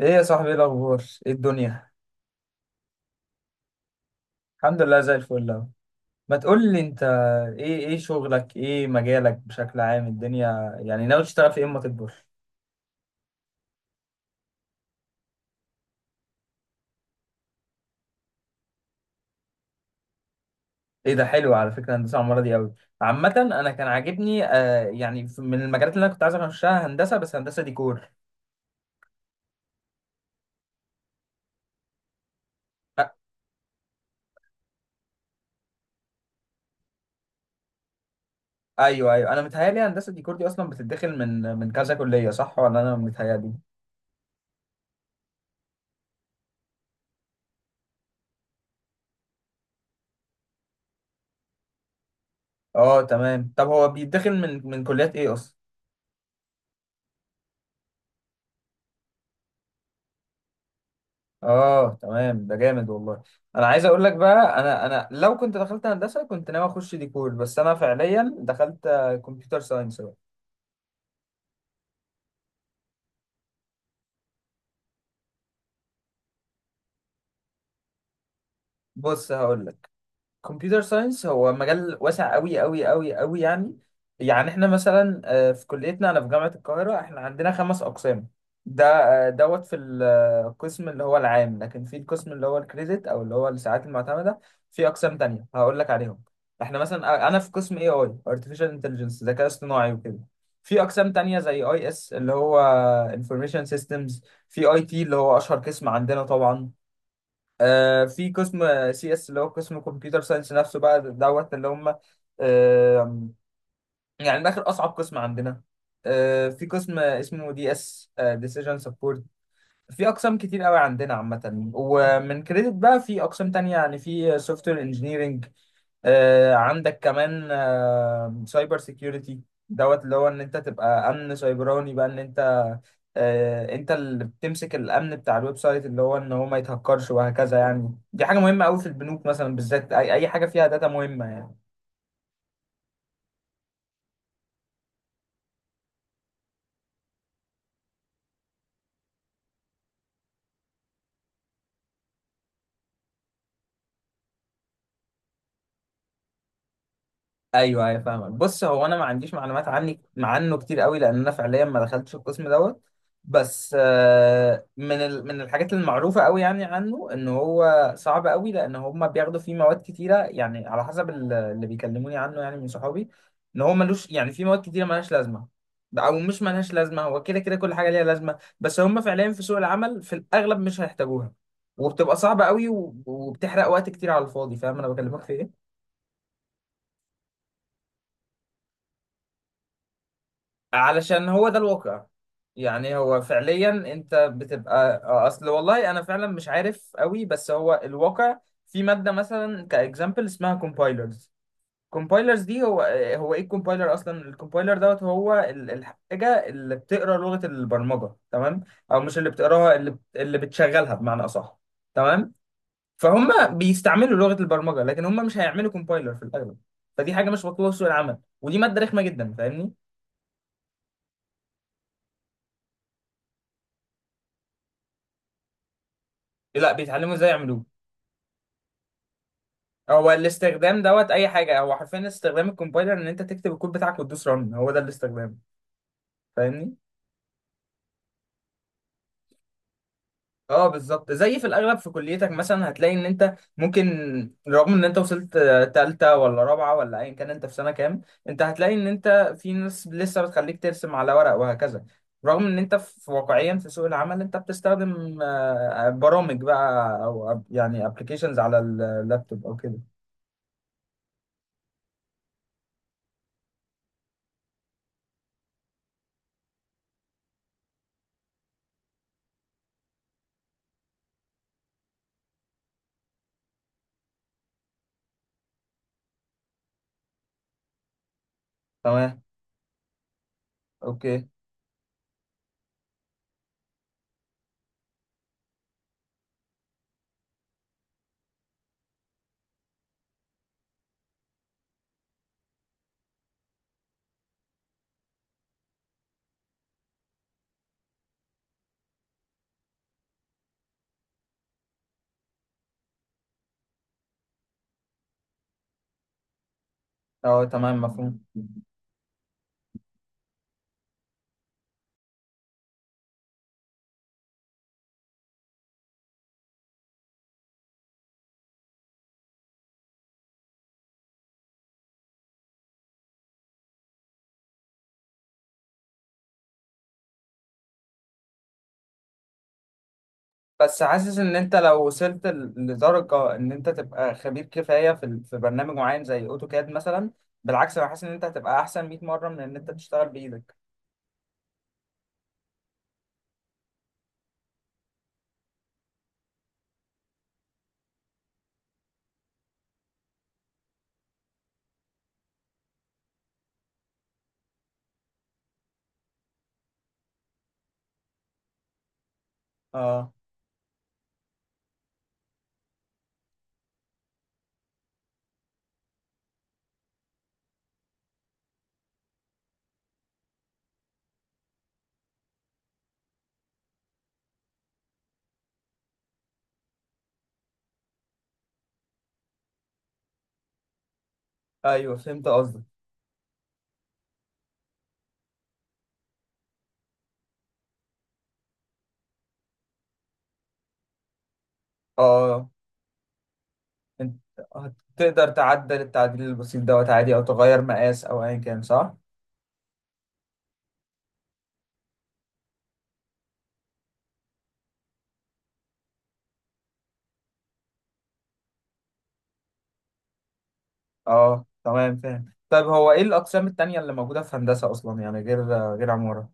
ايه يا صاحبي، ايه الاخبار؟ ايه الدنيا؟ الحمد لله، زي الفل اهو. ما تقول لي انت، ايه شغلك؟ ايه مجالك بشكل عام؟ الدنيا يعني ناوي تشتغل في ايه اما تكبر؟ ايه ده؟ حلو على فكره الهندسه، عماره دي قوي. عامه انا كان عاجبني آه يعني من المجالات اللي انا كنت عايز اخشها هندسه، بس هندسه ديكور. أ- ايوه ايوه، انا متهيالي هندسه ديكور دي اصلا بتتدخل من كذا كليه، صح ولا انا متهيالي؟ اه تمام. طب هو بيتدخل من كليات ايه اصلا؟ اه تمام، ده جامد والله. انا عايز اقول لك بقى، انا لو كنت دخلت هندسه كنت ناوي اخش ديكور، بس انا فعليا دخلت كمبيوتر ساينس بقى. بص هقول لك، كمبيوتر ساينس هو مجال واسع قوي قوي قوي قوي يعني. يعني احنا مثلا في كليتنا، انا في جامعة القاهرة، احنا عندنا خمس اقسام. ده دوت في القسم اللي هو العام، لكن في القسم اللي هو الكريدت او اللي هو الساعات المعتمدة في اقسام تانية هقول لك عليهم. احنا مثلا انا في قسم اي اي ارتفيشال انتليجنس، ذكاء اصطناعي وكده. في اقسام تانية زي اي اس اللي هو انفورميشن سيستمز. في اي تي اللي هو اشهر قسم عندنا طبعا. في قسم سي اس اللي هو قسم كمبيوتر ساينس نفسه بقى دوت، اللي هم آه، يعني من الاخر اصعب قسم عندنا. في قسم اسمه دي اس ديسيجن سبورت. في اقسام كتير قوي عندنا عامه. ومن كريدت بقى في اقسام تانية، يعني في سوفت وير انجينيرنج، عندك كمان سايبر سيكيورتي دوت اللي هو ان انت تبقى امن سايبراني بقى، ان انت انت اللي بتمسك الامن بتاع الويب سايت، اللي هو ان هو ما يتهكرش وهكذا. يعني دي حاجه مهمه قوي في البنوك مثلا، بالذات اي أي حاجه فيها داتا مهمه يعني. ايوه ايوه فاهمك. بص هو انا ما عنديش معلومات عنه كتير قوي، لان انا فعليا ما دخلتش القسم دوت. بس من من الحاجات المعروفه قوي يعني عنه، ان هو صعب قوي، لان هم بياخدوا فيه مواد كتيره، يعني على حسب اللي بيكلموني عنه يعني من صحابي، ان هو ملوش، يعني في مواد كتيره ملهاش لازمه. او مش ملهاش لازمه، هو كده كده كل حاجه ليها لازمه، بس هم فعليا في سوق العمل في الاغلب مش هيحتاجوها، وبتبقى صعبه قوي وبتحرق وقت كتير على الفاضي. فاهم انا بكلمك في ايه؟ علشان هو ده الواقع. يعني هو فعليا انت بتبقى اصل والله انا فعلا مش عارف قوي، بس هو الواقع. في ماده مثلا كاكزامبل اسمها كومبايلرز. كومبايلرز دي هو هو ايه الكومبايلر اصلا؟ الكومبايلر دوت هو الحاجه اللي بتقرا لغه البرمجه. تمام؟ او مش اللي بتقراها، اللي اللي بتشغلها بمعنى اصح. تمام. فهم بيستعملوا لغه البرمجه، لكن هم مش هيعملوا كومبايلر في الاغلب. فدي حاجه مش مطلوبه في سوق العمل، ودي ماده رخمه جدا، فاهمني؟ لا، بيتعلموا ازاي يعملوه. هو الاستخدام دوت اي حاجه، هو حرفيا استخدام الكومبايلر ان انت تكتب الكود بتاعك وتدوس رن، هو ده الاستخدام. فاهمني؟ اه بالظبط. زي في الاغلب في كليتك مثلا هتلاقي ان انت ممكن، رغم ان انت وصلت تالتة ولا رابعة ولا ايا كان انت في سنة كام، انت هتلاقي ان انت في ناس لسه بتخليك ترسم على ورق وهكذا، رغم ان انت في واقعيا في سوق العمل انت بتستخدم برامج بقى او يعني ابلكيشنز على اللابتوب او كده. تمام. اوكي. اه تمام مفهوم. بس حاسس ان انت لو وصلت لدرجه ان انت تبقى خبير كفايه في في برنامج معين زي اوتوكاد مثلا، بالعكس انا حاسس ان انت هتبقى احسن 100 مره من ان انت تشتغل بايدك. اه ايوه فهمت قصدك. اه، انت هتقدر تعدل التعديل البسيط دوت عادي، او تغير مقاس او ايا كان، صح. اه تمام فاهم. طيب هو ايه الاقسام التانية اللي موجوده في هندسه اصلا، يعني غير عماره؟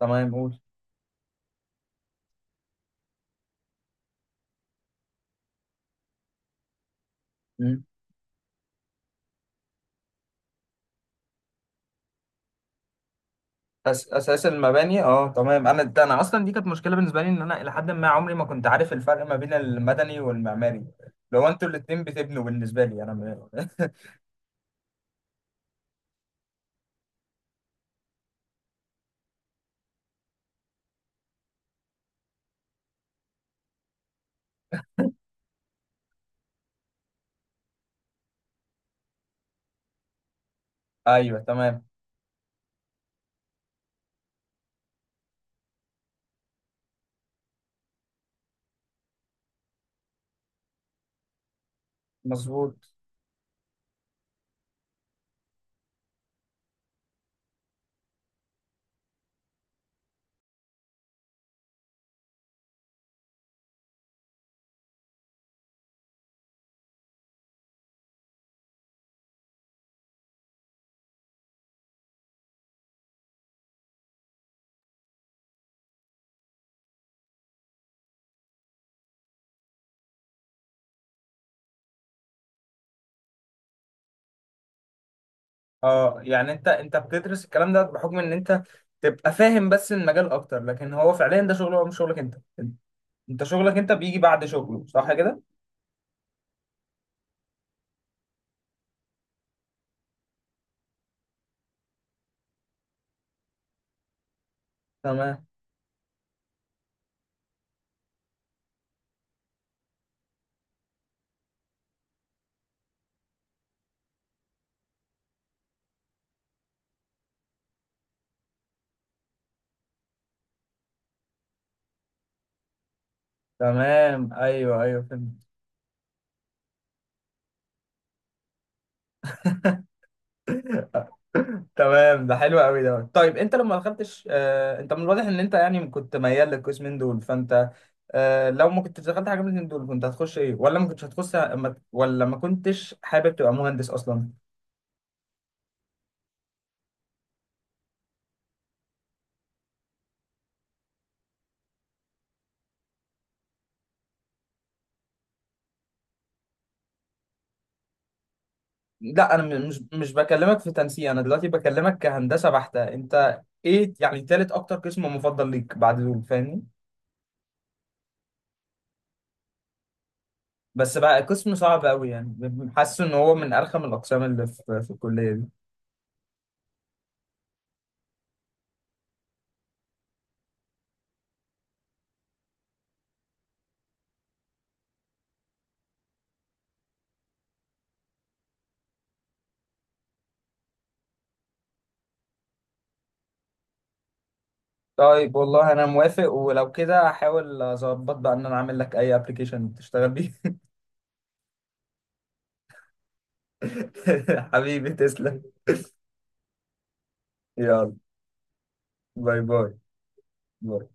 تمام قول. اساس المباني. اه تمام، انا ده انا اصلا دي كانت مشكله بالنسبه لي، ان انا الى حد ما عمري ما كنت عارف الفرق ما بين المدني والمعماري، لو انتوا الاتنين بتبنوا بالنسبه لي انا ايوه تمام مظبوط. اه يعني انت بتدرس الكلام ده بحكم ان انت تبقى فاهم بس المجال اكتر، لكن هو فعليا ده شغله، هو مش شغلك انت، انت شغلك انت بيجي بعد شغله، صح كده؟ تمام. تمام ايوه ايوه فهمت. تمام، ده حلو قوي ده. طيب انت لما دخلتش انت من الواضح ان انت يعني كنت ميال للقسمين دول، فانت لو ما كنتش دخلت حاجه من الاتنين دول كنت هتخش ايه؟ ولا ما كنتش هتخش ولا ما كنتش حابب تبقى مهندس اصلا؟ لا انا مش بكلمك في تنسيق، انا دلوقتي بكلمك كهندسه بحته. انت ايه يعني تالت اكتر قسم مفضل ليك بعد دول، فاهمني؟ بس بقى قسم صعب قوي يعني. حاسس ان هو من ارخم الاقسام اللي في الكليه دي. طيب والله انا موافق، ولو كده هحاول اظبط بقى ان انا اعمل لك اي ابلكيشن تشتغل بيه. حبيبي تسلم. يلا، باي باي. باي.